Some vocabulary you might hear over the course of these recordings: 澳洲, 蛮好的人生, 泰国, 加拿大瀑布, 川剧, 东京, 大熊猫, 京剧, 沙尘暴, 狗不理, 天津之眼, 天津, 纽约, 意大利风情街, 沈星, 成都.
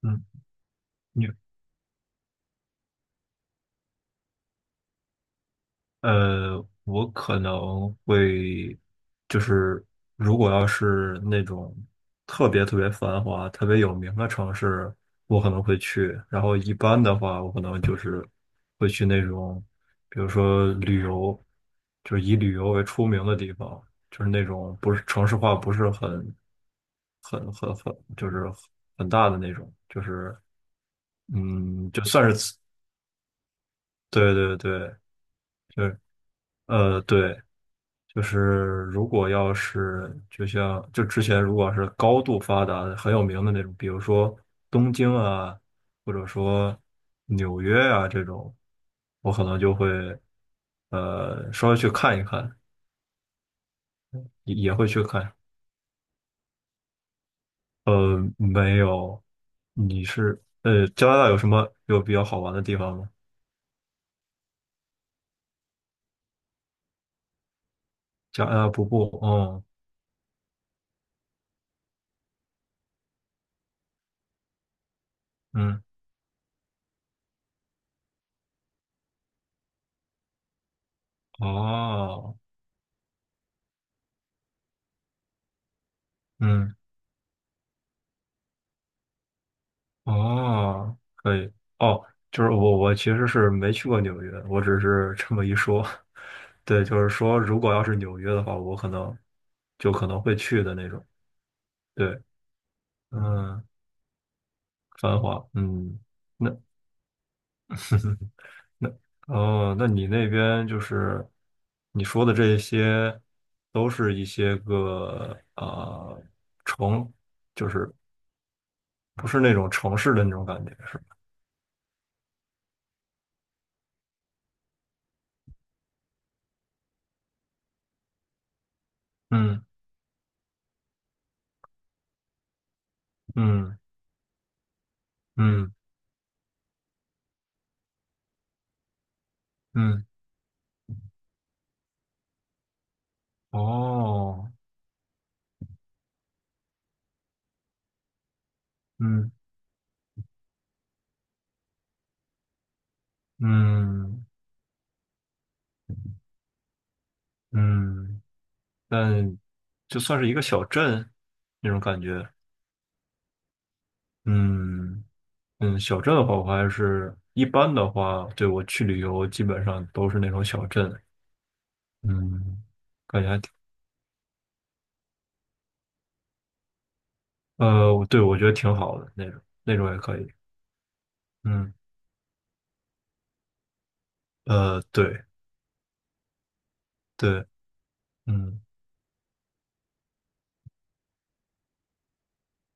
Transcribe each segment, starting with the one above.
嗯，你我可能会就是，如果要是那种特别特别繁华、特别有名的城市，我可能会去。然后一般的话，我可能就是会去那种，比如说旅游，就是以旅游为出名的地方，就是那种不是城市化不是很，就是很大的那种。就算是对对对，就是对。就是如果要是就像就之前如果是高度发达的很有名的那种，比如说东京啊，或者说纽约啊这种，我可能就会稍微去看一看，也会去看。没有，加拿大有什么有比较好玩的地方吗？加拿大瀑布，嗯嗯，哦，嗯。哦，可以。哦，就是我其实是没去过纽约，我只是这么一说。对，就是说，如果要是纽约的话，我可能就可能会去的那种。对，嗯，繁华，嗯，那那哦，那你那边就是你说的这些，都是一些个啊城，就是不是那种城市的那种感觉，是吧？嗯嗯嗯嗯，哦，嗯，嗯嗯，但就算是一个小镇那种感觉。嗯嗯，小镇的话，我还是一般的话，对我去旅游基本上都是那种小镇，嗯，感觉还挺，呃，我对，我觉得挺好的那种，那种也可以。嗯，对对，嗯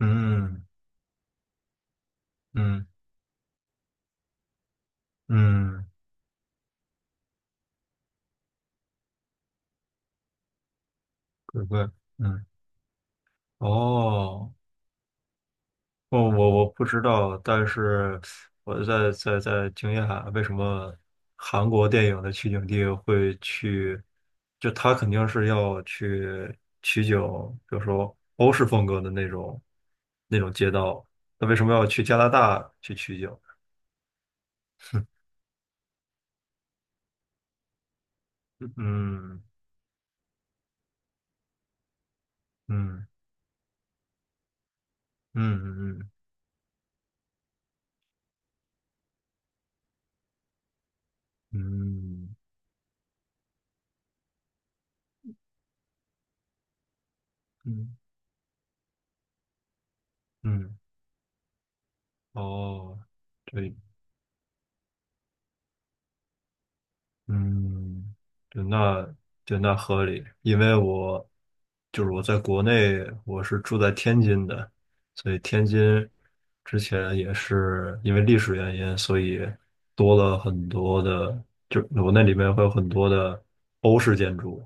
嗯嗯嗯，鬼怪，嗯，哦，我不知道，但是我在惊讶为什么韩国电影的取景地会去，就他肯定是要去取景，比如说欧式风格的那种那种街道，那为什么要去加拿大去取景？嗯嗯嗯嗯嗯嗯嗯嗯，哦，对，嗯，对，那对，那合理，因为我就是我在国内，我是住在天津的，所以天津之前也是因为历史原因，所以多了很多的，就是我那里面会有很多的欧式建筑，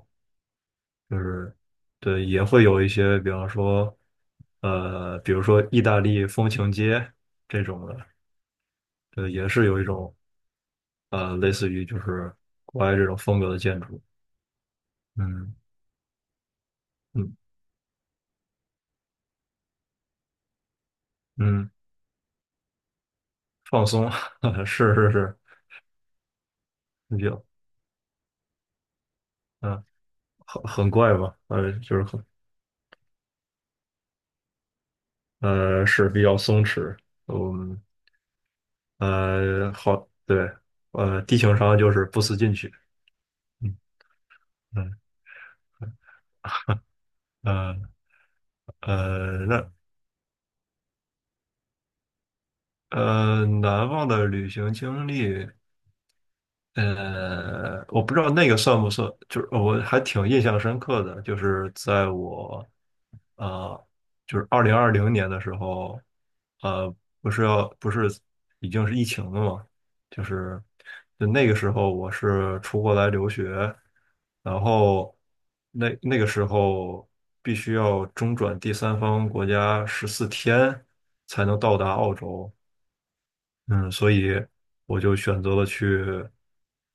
就是对，也会有一些，比方说比如说意大利风情街这种的，对，也是有一种类似于就是国外这种风格的建筑。嗯，嗯嗯，放松，是是是，有，嗯，很很怪吧，就是很，是比较松弛，嗯，好，对，地球上就是不思进取。嗯嗯，呃那难忘的旅行经历，我不知道那个算不算，就是我还挺印象深刻的，就是在我呃，就是2020年的时候，呃，不是已经是疫情了嘛，就是就那个时候我是出国来留学，然后那个时候必须要中转第三方国家十四天才能到达澳洲。嗯，所以我就选择了去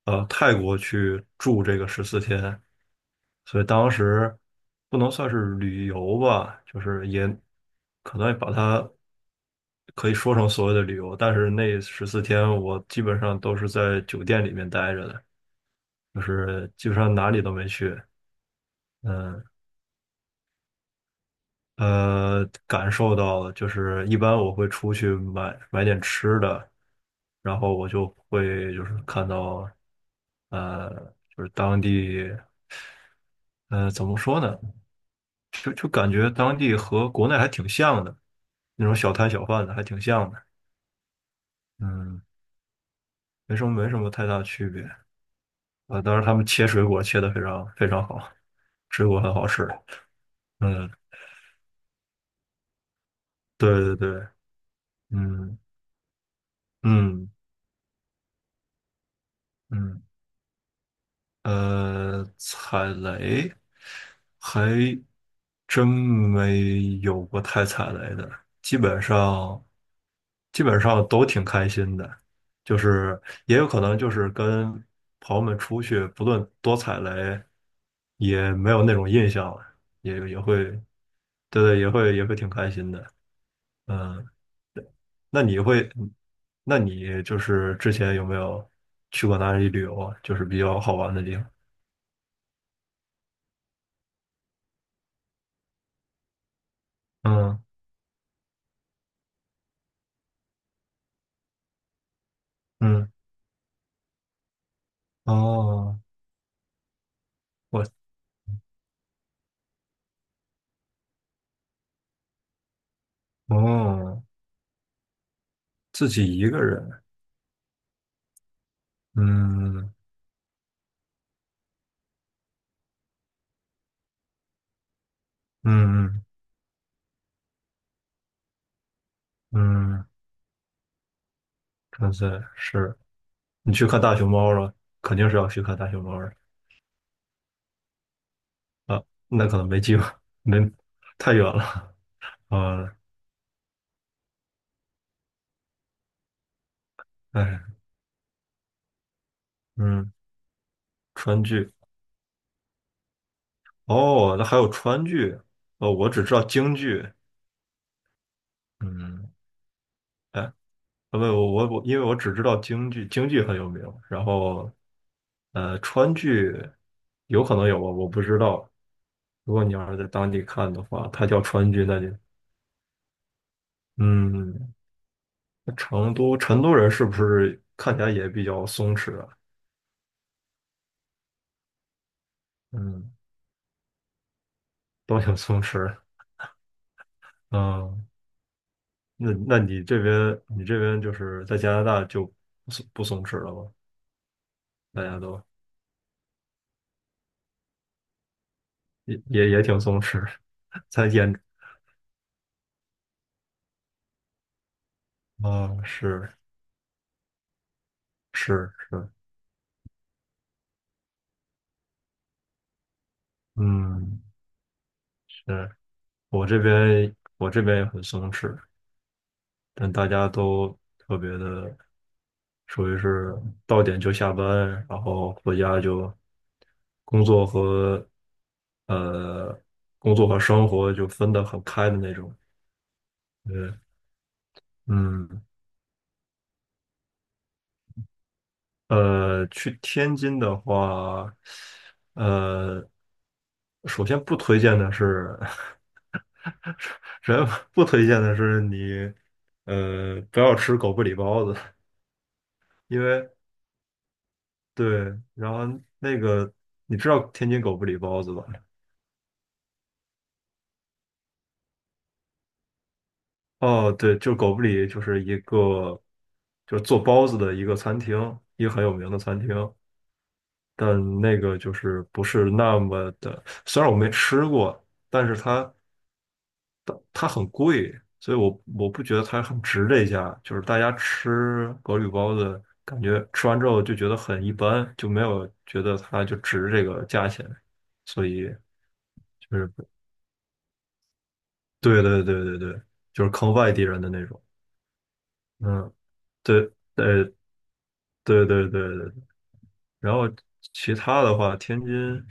泰国去住这个十四天，所以当时不能算是旅游吧，就是也可能把它可以说成所谓的旅游，但是那十四天我基本上都是在酒店里面待着的，就是基本上哪里都没去。嗯，感受到了，就是一般我会出去买点吃的，然后我就会就是看到呃，就是当地怎么说呢，就感觉当地和国内还挺像的，那种小摊小贩的还挺像的，嗯，没什么太大区别啊。当然他们切水果切的非常非常好，水果很好吃。嗯，对对对，嗯嗯嗯。踩雷还真没有过太踩雷的，基本上基本上都挺开心的，就是也有可能就是跟朋友们出去，不论多踩雷，也没有那种印象了，也会对对，也会挺开心的。嗯，那你会，那你就是之前有没有去过哪里旅游啊？就是比较好玩的地方。嗯嗯。哦，我哦，自己一个人，嗯嗯嗯，真是，你去看大熊猫了，肯定是要去看大熊猫的啊，那可能没机会。没太远了啊，哎，嗯，川剧，哦，那还有川剧，哦，我只知道京剧，嗯，哎，啊不，我，因为我只知道京剧，京剧很有名，然后川剧有可能有吧，我不知道。如果你要是在当地看的话，它叫川剧，那就嗯，那成都人是不是看起来也比较松弛啊？嗯，都挺松弛。嗯，那你这边就是在加拿大就不松弛了吗？大家都也挺松弛，在眼啊，是是是，嗯，是我这边也很松弛，但大家都特别的。属于是到点就下班，然后回家就工作和呃工作和生活就分得很开的那种。对，嗯，去天津的话，呃，首先不推荐的是，首先不推荐的是你，不要吃狗不理包子。因为对，然后那个你知道天津狗不理包子吧？哦，对，就狗不理就是一个，就是做包子的一个餐厅，一个很有名的餐厅，但那个就是不是那么的，虽然我没吃过，但是它，所以我不觉得它很值这一下，就是大家吃狗不理包子，感觉吃完之后就觉得很一般，就没有觉得它就值这个价钱，所以就是对对对对对，就是坑外地人的那种。嗯，对，对对对对对。然后其他的话，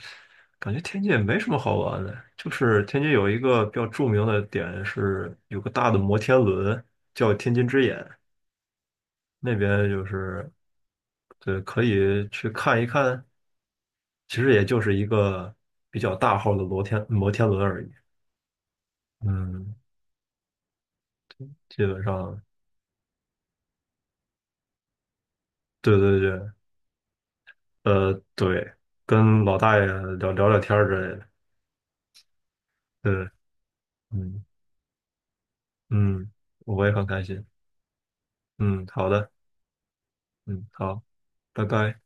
感觉天津也没什么好玩的，就是天津有一个比较著名的点是有个大的摩天轮叫天津之眼，那边就是对可以去看一看，其实也就是一个比较大号的摩天轮而已。嗯，基本上对对对，对，跟老大爷聊聊天儿之类的，对，嗯嗯，我也很开心，嗯，好的，嗯好，拜拜。